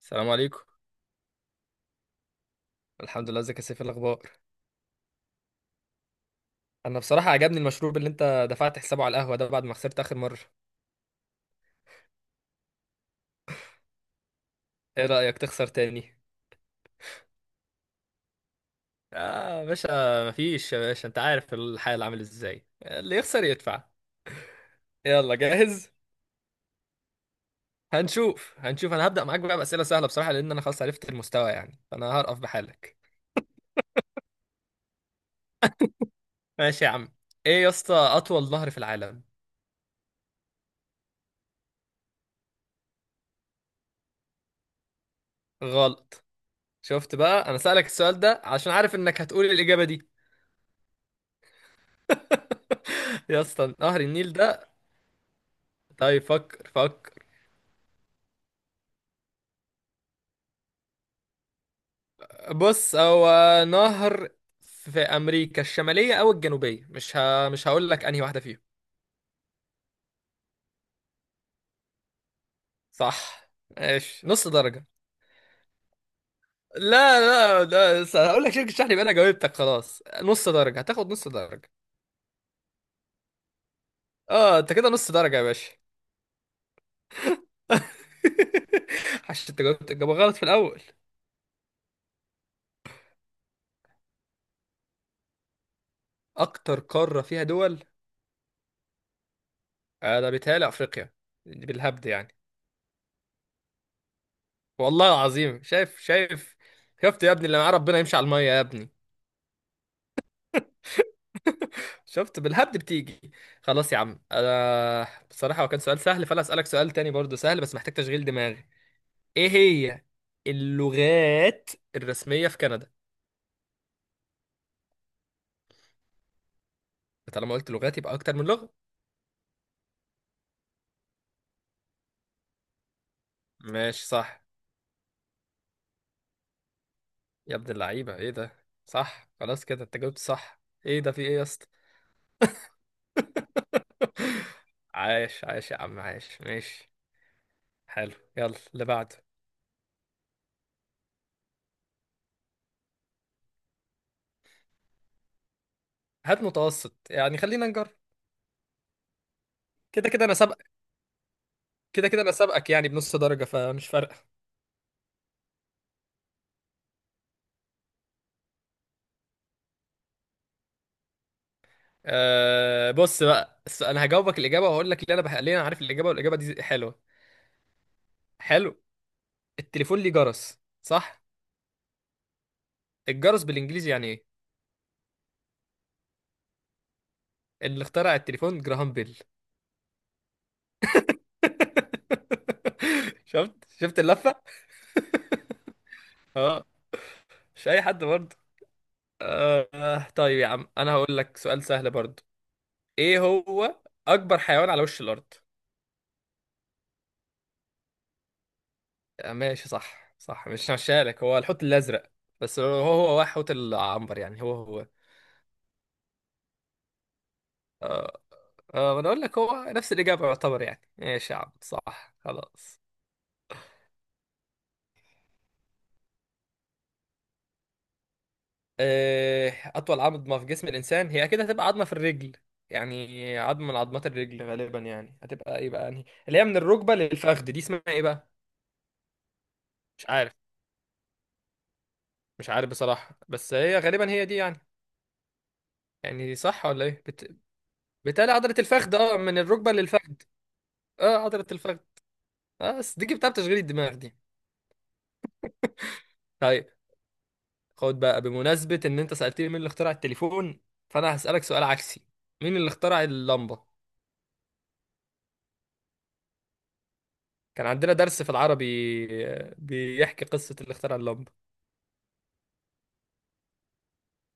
السلام عليكم. الحمد لله، ازيك يا سيف؟ إيه الاخبار؟ انا بصراحه عجبني المشروب اللي انت دفعت حسابه على القهوه ده بعد ما خسرت اخر مره. ايه رايك تخسر تاني؟ اه يا باشا. مفيش يا باشا، انت عارف الحال عامل ازاي، اللي يخسر يدفع. يلا جاهز؟ هنشوف هنشوف، انا هبدا معاك بقى باسئله سهله بصراحه لان انا خلاص عرفت المستوى يعني، فانا هرقف بحالك. ماشي يا عم. ايه يا اسطى اطول نهر في العالم؟ غلط. شفت بقى، انا سألك السؤال ده عشان عارف انك هتقول الاجابه دي. يا اسطى نهر النيل ده. طيب فكر فكر. بص، هو نهر في امريكا الشماليه او الجنوبيه، مش هقول لك انهي واحده فيهم. صح. ماشي نص درجه. لا لا لا، هقول لك شركه شحن يبقى انا جاوبتك، خلاص نص درجه، هتاخد نص درجه. اه انت كده نص درجه يا باشا. عشان انت جاوبت الجواب غلط في الاول. اكتر قاره فيها دول. ده بيتهيألي افريقيا. بالهبد يعني. والله العظيم شايف شايف. شفت يا ابني، اللي معاه ربنا يمشي على الميه يا ابني. شفت بالهبد بتيجي. خلاص يا عم، انا بصراحة هو كان سؤال سهل، فانا اسألك سؤال تاني برضو سهل بس محتاج تشغيل دماغي. ايه هي اللغات الرسمية في كندا؟ طالما قلت لغات يبقى اكتر من لغة. ماشي صح. يا ابن اللعيبة، ايه ده صح، خلاص كده انت جاوبت صح، ايه ده في ايه يا اسطى؟ عايش عايش يا عم، عايش ماشي. حلو يلا اللي بعده. هات متوسط يعني، خلينا نجرب. كده كده انا سابقك. كده كده انا سابقك يعني بنص درجة، فمش فارقة. أه بص بقى، انا هجاوبك الاجابه، وهقول لك اللي انا ليه انا عارف الاجابه، والاجابه دي حلوه. حلو. التليفون ليه جرس، صح؟ الجرس بالانجليزي يعني ايه؟ اللي اخترع التليفون جراهام بيل. شفت شفت اللفه. اه. مش اي حد برضه. طيب يا عم انا هقول لك سؤال سهل برضه. ايه هو اكبر حيوان على وش الارض؟ ماشي صح صح، مش هشالك، هو الحوت الازرق. بس هو حوت العنبر يعني، هو هو. آه، ما انا اقول لك هو نفس الاجابه يعتبر يعني، ايش يا عم صح خلاص. اطول عظمه في جسم الانسان هي اكيد هتبقى عظمه في الرجل. يعني عظمه من عظمات الرجل غالبا، يعني هتبقى ايه بقى، يعني اللي هي من الركبه للفخذ دي اسمها ايه بقى؟ مش عارف. مش عارف بصراحه، بس هي غالبا هي دي يعني. يعني صح ولا ايه بتالي عضله الفخذ اه، من الركبه للفخذ. اه عضله الفخذ. اه بس دي جبتها بتشغيل الدماغ دي. طيب. خد بقى، بمناسبة ان انت سألتني مين اللي اخترع التليفون، فانا هسألك سؤال عكسي. مين اللي اخترع اللمبة؟ كان عندنا درس في العربي، بيحكي قصة اللي اخترع اللمبة.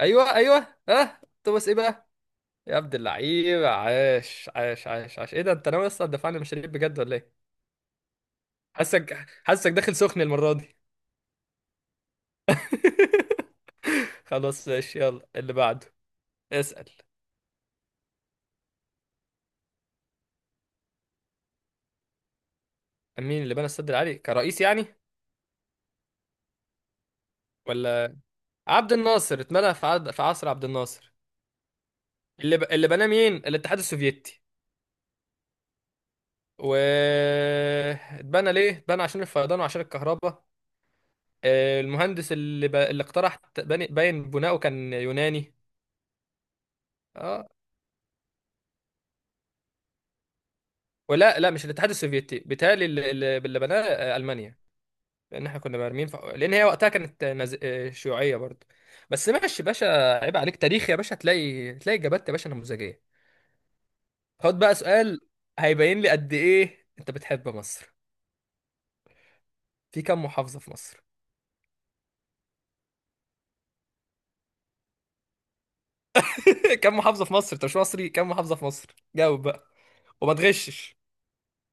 ايوه ايوه اه توماس ايه بقى؟ يا عبد اللعيب، عاش عاش عاش عاش، ايه ده، انت ناوي اصلا تدفعني مشاريع بجد ولا ايه؟ حاسك حاسك داخل سخن المرة دي. خلاص ماشي، يلا اللي بعده. اسأل. مين اللي بنى السد العالي كرئيس يعني؟ ولا عبد الناصر، اتمنى في عصر عبد الناصر. اللي بناه مين؟ الاتحاد السوفيتي. و، اتبنى ليه؟ اتبنى عشان الفيضان وعشان الكهرباء. المهندس اللي اقترح باين بناؤه كان يوناني. اه. ولا لا، مش الاتحاد السوفيتي بيتهيألي اللي بناه، المانيا. لان احنا كنا مرمين لان هي وقتها كانت نز... آه، شيوعيه برضه. بس ماشي يا باشا، عيب عليك تاريخ يا باشا، هتلاقي هتلاقي اجابات يا باشا نموذجيه. خد بقى سؤال هيبين لي قد ايه انت بتحب مصر. في كم محافظه في مصر؟ كم محافظة في مصر؟ انت مش مصري؟ كم محافظة في مصر؟ جاوب بقى. وما تغشش.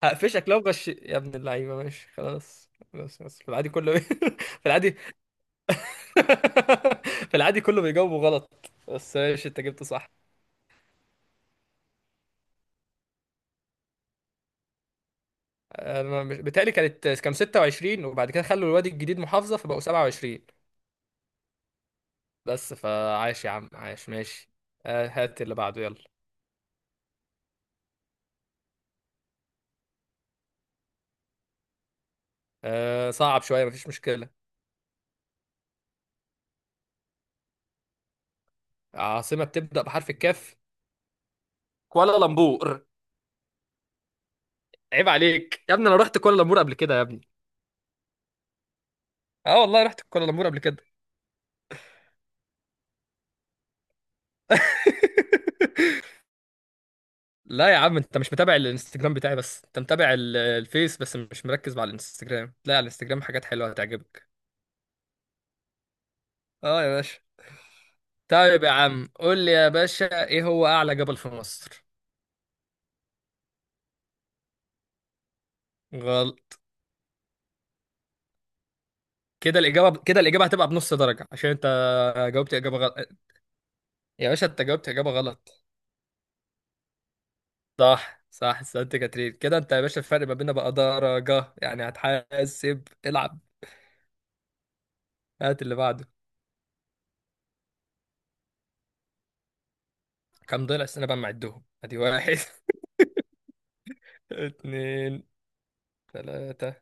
هقفشك لو غش يا ابن اللعيبة. ماشي خلاص، بس بس في العادي كله. في العادي. في العادي كله بيجاوبوا غلط. بس ماشي انت جبت صح. انا مش بيتهيألي كانت كام، 26 وبعد كده خلوا الوادي الجديد محافظة فبقوا 27. بس فعاش يا عم عاش ماشي. هات اللي بعده يلا. صعب شوية مفيش مشكلة. عاصمة بتبدأ بحرف الكاف. كوالالمبور. عيب عليك يا ابني، انا رحت كوالالمبور قبل كده يا ابني. اه والله رحت كوالالمبور قبل كده. لا يا عم، انت مش متابع الانستجرام بتاعي، بس انت متابع الفيس، بس مش مركز مع الانستجرام، لا، على الانستجرام حاجات حلوة هتعجبك. اه يا باشا. طيب يا عم، قول لي يا باشا ايه هو اعلى جبل في مصر؟ غلط. كده الاجابة، كده الاجابة هتبقى بنص درجة، عشان انت جاوبت اجابة غلط. يا باشا انت جاوبت اجابة غلط. صح صح سانت كاترين، كده انت يا باشا الفرق ما بيننا بقى درجة يعني، هتحاسب العب. هات اللي بعده. كم ضلع السنة بقى معدهم، ادي واحد، اتنين، تلاتة،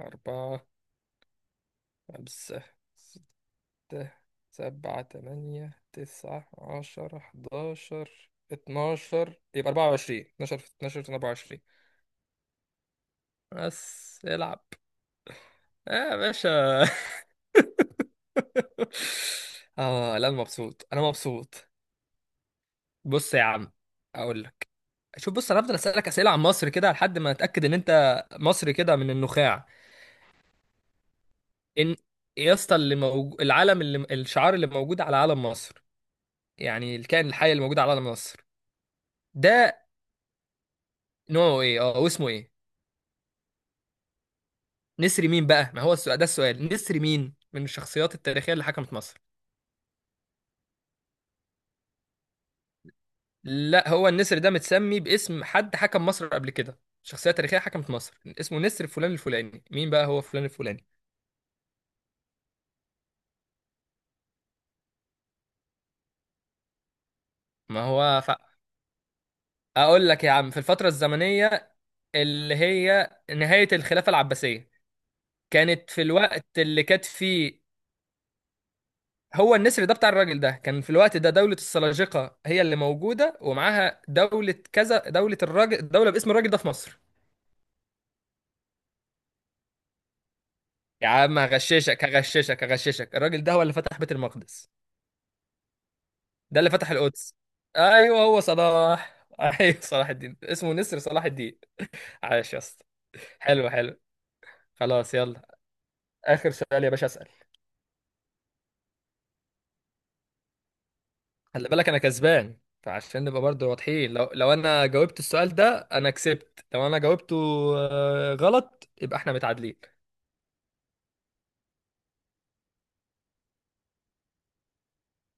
أربعة، خمسة، ستة، سبعة، تمانية، تسعة، عشرة، حداشر، اتناشر، يبقى أربعة وعشرين، اتناشر في اتناشر في أربعة وعشرين. بس العب. آه يا باشا. آه لا، أنا مبسوط أنا مبسوط. بص يا عم، أقول لك، شوف، بص، أنا هفضل أسألك أسئلة عن مصر كده لحد ما أتأكد إن أنت مصري كده من النخاع. إن. يا اسطى، اللي موجود العلم، اللي الشعار اللي موجود على علم مصر، يعني الكائن الحي الموجود على قلم مصر ده نوعه ايه، اه واسمه ايه؟ نسر مين بقى، ما هو السؤال ده، السؤال نسر مين من الشخصيات التاريخية اللي حكمت مصر. لا هو النسر ده متسمي باسم حد حكم مصر قبل كده، شخصية تاريخية حكمت مصر اسمه نسر فلان الفلاني، مين بقى هو فلان الفلاني؟ ما هو اقول لك يا عم في الفترة الزمنية اللي هي نهاية الخلافة العباسية، كانت في الوقت اللي كانت فيه. هو النسر ده بتاع الراجل ده كان في الوقت ده دولة السلاجقة هي اللي موجودة، ومعاها دولة كذا، دولة الراجل، دولة باسم الراجل ده في مصر. يا عم هغششك هغششك هغششك، الراجل ده هو اللي فتح بيت المقدس. ده اللي فتح القدس. ايوه هو صلاح، ايوه صلاح الدين، اسمه نسر صلاح الدين. عاش يا اسطى. حلو حلو. خلاص يلا. اخر سؤال يا باشا، اسال. خلي بالك انا كسبان، فعشان نبقى برضه واضحين، لو انا جاوبت السؤال ده انا كسبت، لو انا جاوبته غلط يبقى احنا متعادلين.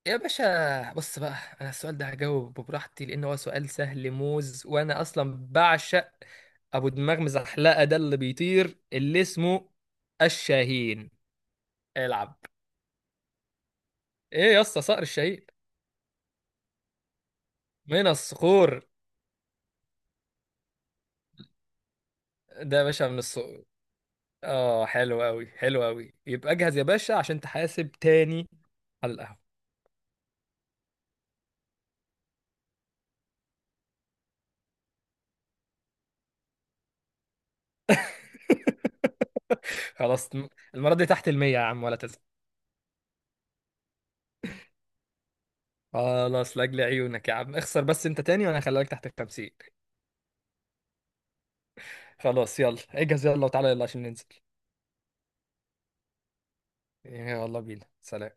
يا باشا بص بقى، انا السؤال ده هجاوب براحتي لان هو سؤال سهل موز، وانا اصلا بعشق ابو دماغ مزحلقه ده اللي بيطير اللي اسمه الشاهين. العب. ايه يا اسطى صقر الشاهين. من الصخور. ده يا باشا من الصقور. اه حلو قوي حلو قوي، يبقى اجهز يا باشا عشان تحاسب تاني على القهوه. خلاص. المره دي تحت المية يا عم ولا تزعل. خلاص لاجل عيونك يا عم، اخسر بس انت تاني وانا هخليك تحت الخمسين. خلاص يلا اجهز يلا وتعالى يلا عشان ننزل. يلا بينا سلام.